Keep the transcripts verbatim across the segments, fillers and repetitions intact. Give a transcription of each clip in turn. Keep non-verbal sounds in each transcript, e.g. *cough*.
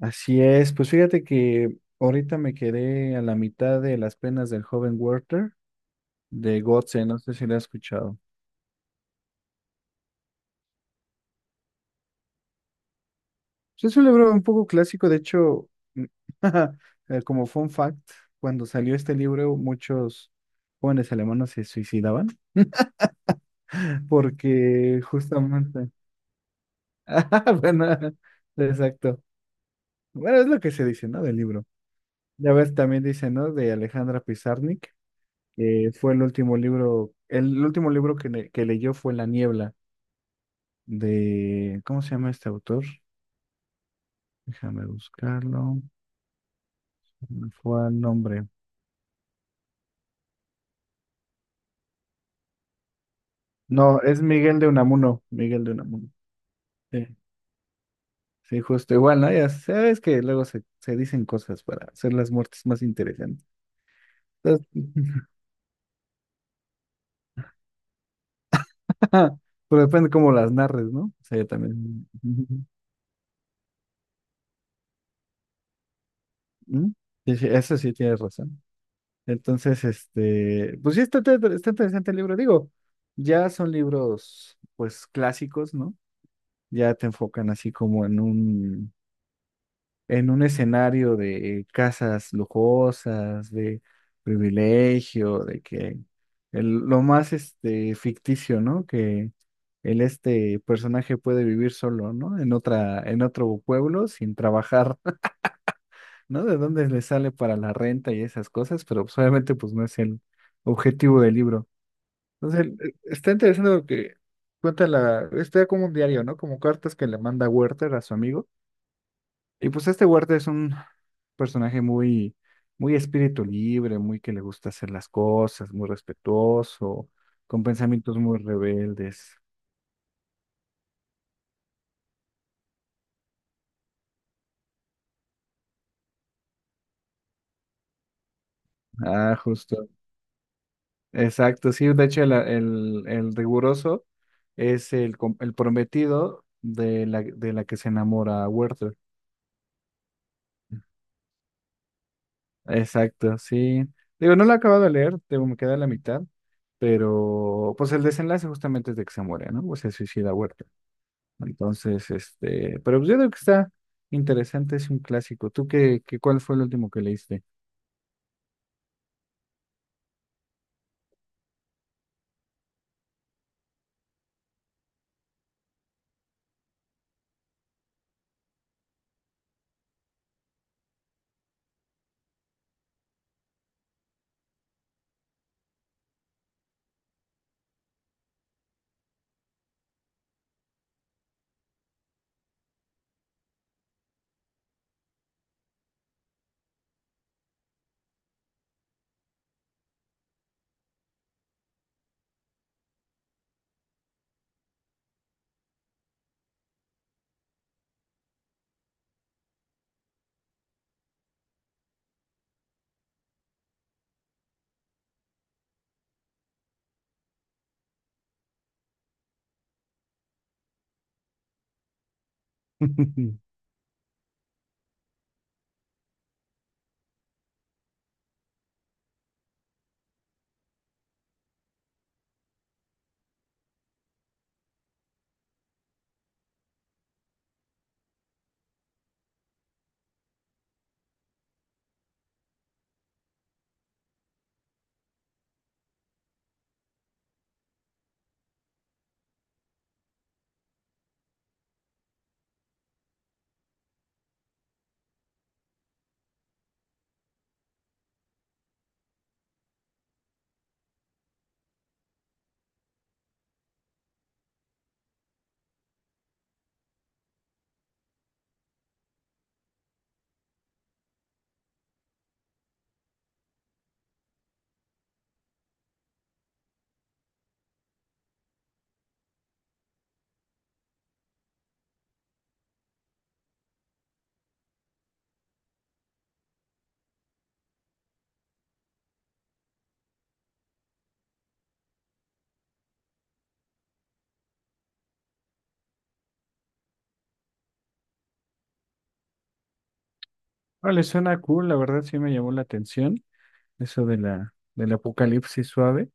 Así es, pues fíjate que ahorita me quedé a la mitad de Las penas del joven Werther de Goethe, no sé si lo has escuchado. Pues es un libro un poco clásico, de hecho, mm, *laughs* eh, como fun fact, cuando salió este libro muchos jóvenes alemanes se suicidaban *laughs* porque justamente, *laughs* ah, bueno, exacto. Bueno, es lo que se dice, ¿no? Del libro. Ya ves, también dice, ¿no? De Alejandra Pizarnik que fue el último libro, el último libro que, le- que leyó fue La Niebla, de, ¿cómo se llama este autor? Déjame buscarlo. ¿Cuál fue el nombre? No, es Miguel de Unamuno, Miguel de Unamuno. Sí, sí, justo igual, ¿no? Ya sabes que luego se, se dicen cosas para hacer las muertes más interesantes. Entonces, *laughs* pero depende cómo las narres, ¿no? O sea, yo también. *laughs* Ujú. ¿Mm? Sí, sí, eso sí tienes razón. Entonces, este, pues sí, está, está está interesante el libro. Digo, ya son libros, pues, clásicos, ¿no? Ya te enfocan así como en un, en un escenario de casas lujosas, de privilegio, de que el- lo más, este, ficticio, ¿no? Que el, este personaje puede vivir solo, ¿no? En otra, en otro pueblo sin trabajar, *laughs* ¿no? De dónde le sale para la renta y esas cosas, pero pues, obviamente, pues, no es el objetivo del libro. Entonces, el- está interesante lo que cuenta la, está como un diario, ¿no? Como cartas que le manda Werther a su amigo. Y pues este Werther es un personaje muy, muy espíritu libre, muy que le gusta hacer las cosas, muy respetuoso, con pensamientos muy rebeldes. Ah, justo. Exacto, sí, de hecho el, el, el riguroso es el, com- el prometido de la, de la que se enamora Werther. Exacto, sí. Digo, no lo he acabado de leer, tengo, me queda la mitad, pero pues el desenlace justamente es de que se muere, ¿no? O se suicida Huerta. Entonces, este, pero pues yo creo que está interesante, es un clásico. ¿Tú qué, qué cuál fue el último que leíste? *laughs* Vale, suena cool, la verdad sí me llamó la atención eso de la del apocalipsis suave.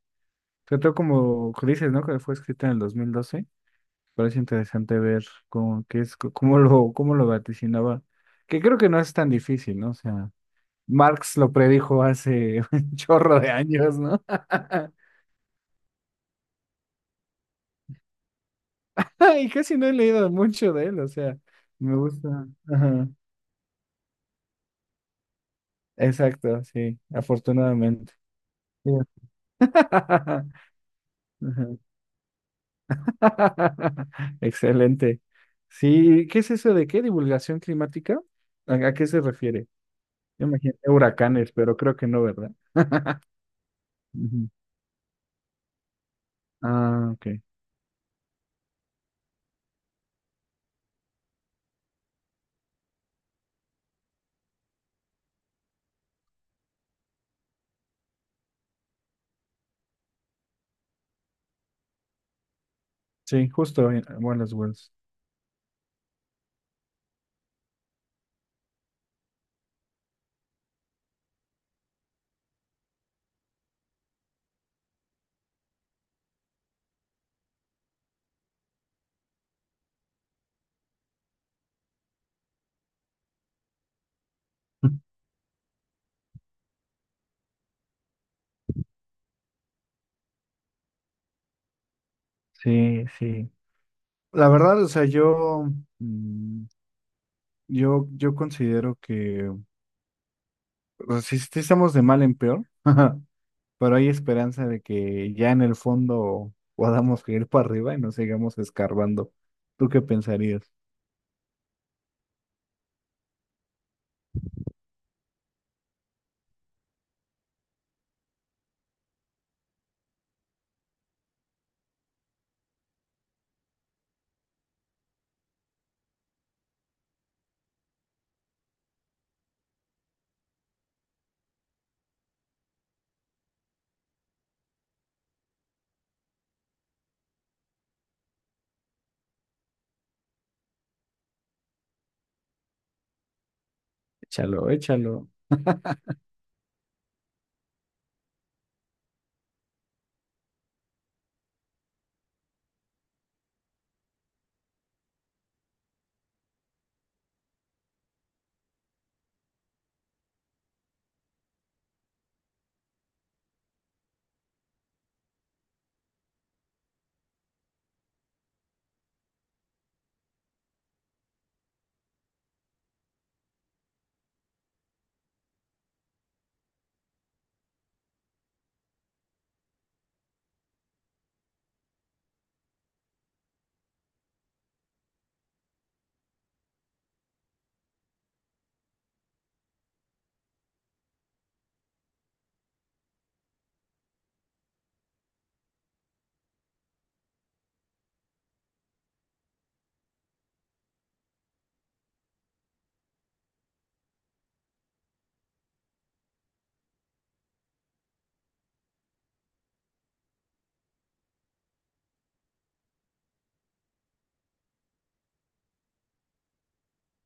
Trató como que dices, ¿no? Que fue escrita en el dos mil doce. Parece interesante ver cómo, qué es, cómo lo, cómo lo vaticinaba. Que creo que no es tan difícil, ¿no? O sea, Marx lo predijo hace *laughs* un chorro de años, ¿no? *laughs* Y casi no he leído mucho de él, o sea, me gusta. Ajá, exacto, sí, afortunadamente. Sí. *laughs* Ajá. *laughs* Excelente. Sí, ¿qué es eso de qué? ¿Divulgación climática? ¿A, a qué se refiere? Yo imagino huracanes, pero creo que no, ¿verdad? Ujú. Ah, ok. Sí, justo en Wallace Wells. *laughs* Sí, sí. La verdad, o sea, yo mm, Yo, yo considero que o sea, sí, sí estamos de mal en peor, *laughs* pero hay esperanza de que ya en el fondo podamos ir para arriba y no sigamos escarbando. ¿Tú qué pensarías? Échalo, échalo.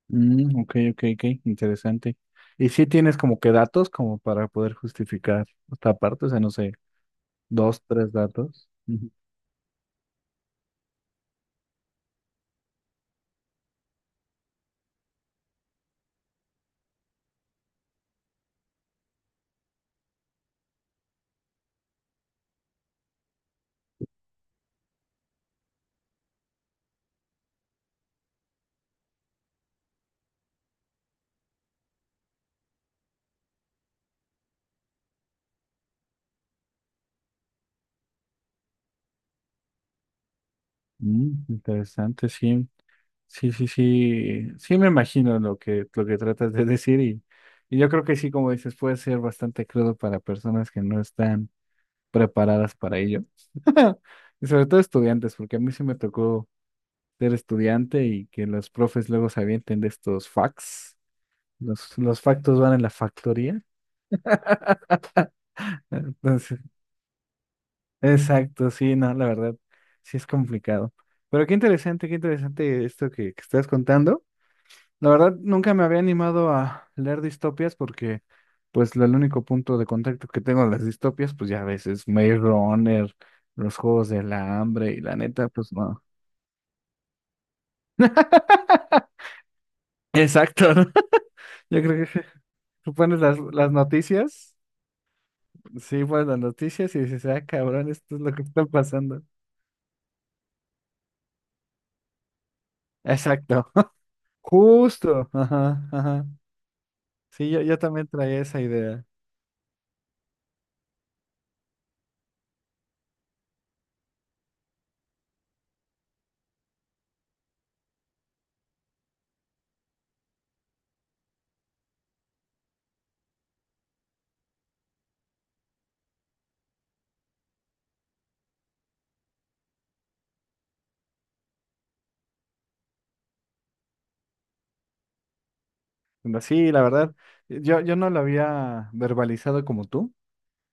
Mm, ok, ok, ok, interesante. ¿Y si tienes como que datos como para poder justificar esta parte? O sea, no sé, dos, tres datos. Ujú. Mm, interesante, sí. Sí, sí, sí, sí me imagino lo que, lo que tratas de decir y, y yo creo que sí, como dices, puede ser bastante crudo para personas que no están preparadas para ello. *laughs* Y sobre todo estudiantes, porque a mí sí me tocó ser estudiante y que los profes luego se avienten de estos facts. Los, los factos van en la factoría. *laughs* Entonces, exacto, sí, no, la verdad, sí es complicado. Pero qué interesante, qué interesante esto que, que estás contando. La verdad, nunca me había animado a leer distopias porque, pues, el único punto de contacto que tengo de las distopias, pues ya a veces Maze Runner, los juegos del hambre y la neta, pues no. *laughs* Exacto, ¿no? *laughs* Yo creo que *laughs* tú pones las, las noticias, sí, pones las noticias y dices, ah, cabrón, esto es lo que está pasando. Exacto. *laughs* Justo, ajá, ajá. Sí, yo, yo también traía esa idea. Pero sí, la verdad, yo, yo no lo había verbalizado como tú,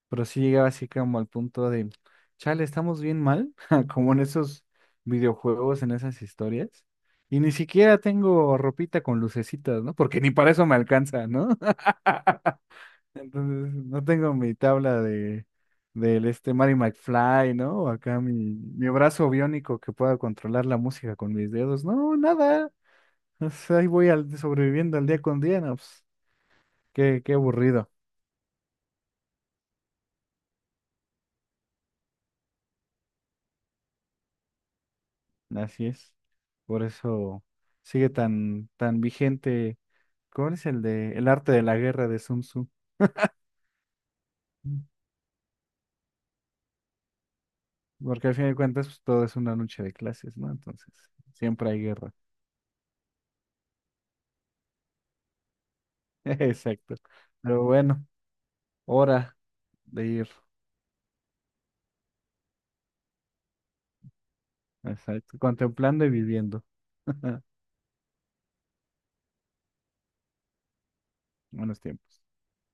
pero sí llegaba así como al punto de, chale, estamos bien mal, *laughs* como en esos videojuegos, en esas historias. Y ni siquiera tengo ropita con lucecitas, ¿no? Porque ni para eso me alcanza, ¿no? *laughs* Entonces, no tengo mi tabla de del este Mary McFly, ¿no? O acá mi, mi brazo biónico que pueda controlar la música con mis dedos. No, nada. O sea, ahí voy al, sobreviviendo al día con día, no, pues, qué, qué aburrido. Así es. Por eso sigue tan, tan vigente. ¿Cómo es el de el arte de la guerra de Sun Tzu? Mm. Porque al fin de cuentas pues, todo es una lucha de clases, ¿no? Entonces, siempre hay guerra. *laughs* Exacto. Pero bueno, hora de ir. Exacto. Contemplando y viviendo. *laughs* Buenos tiempos.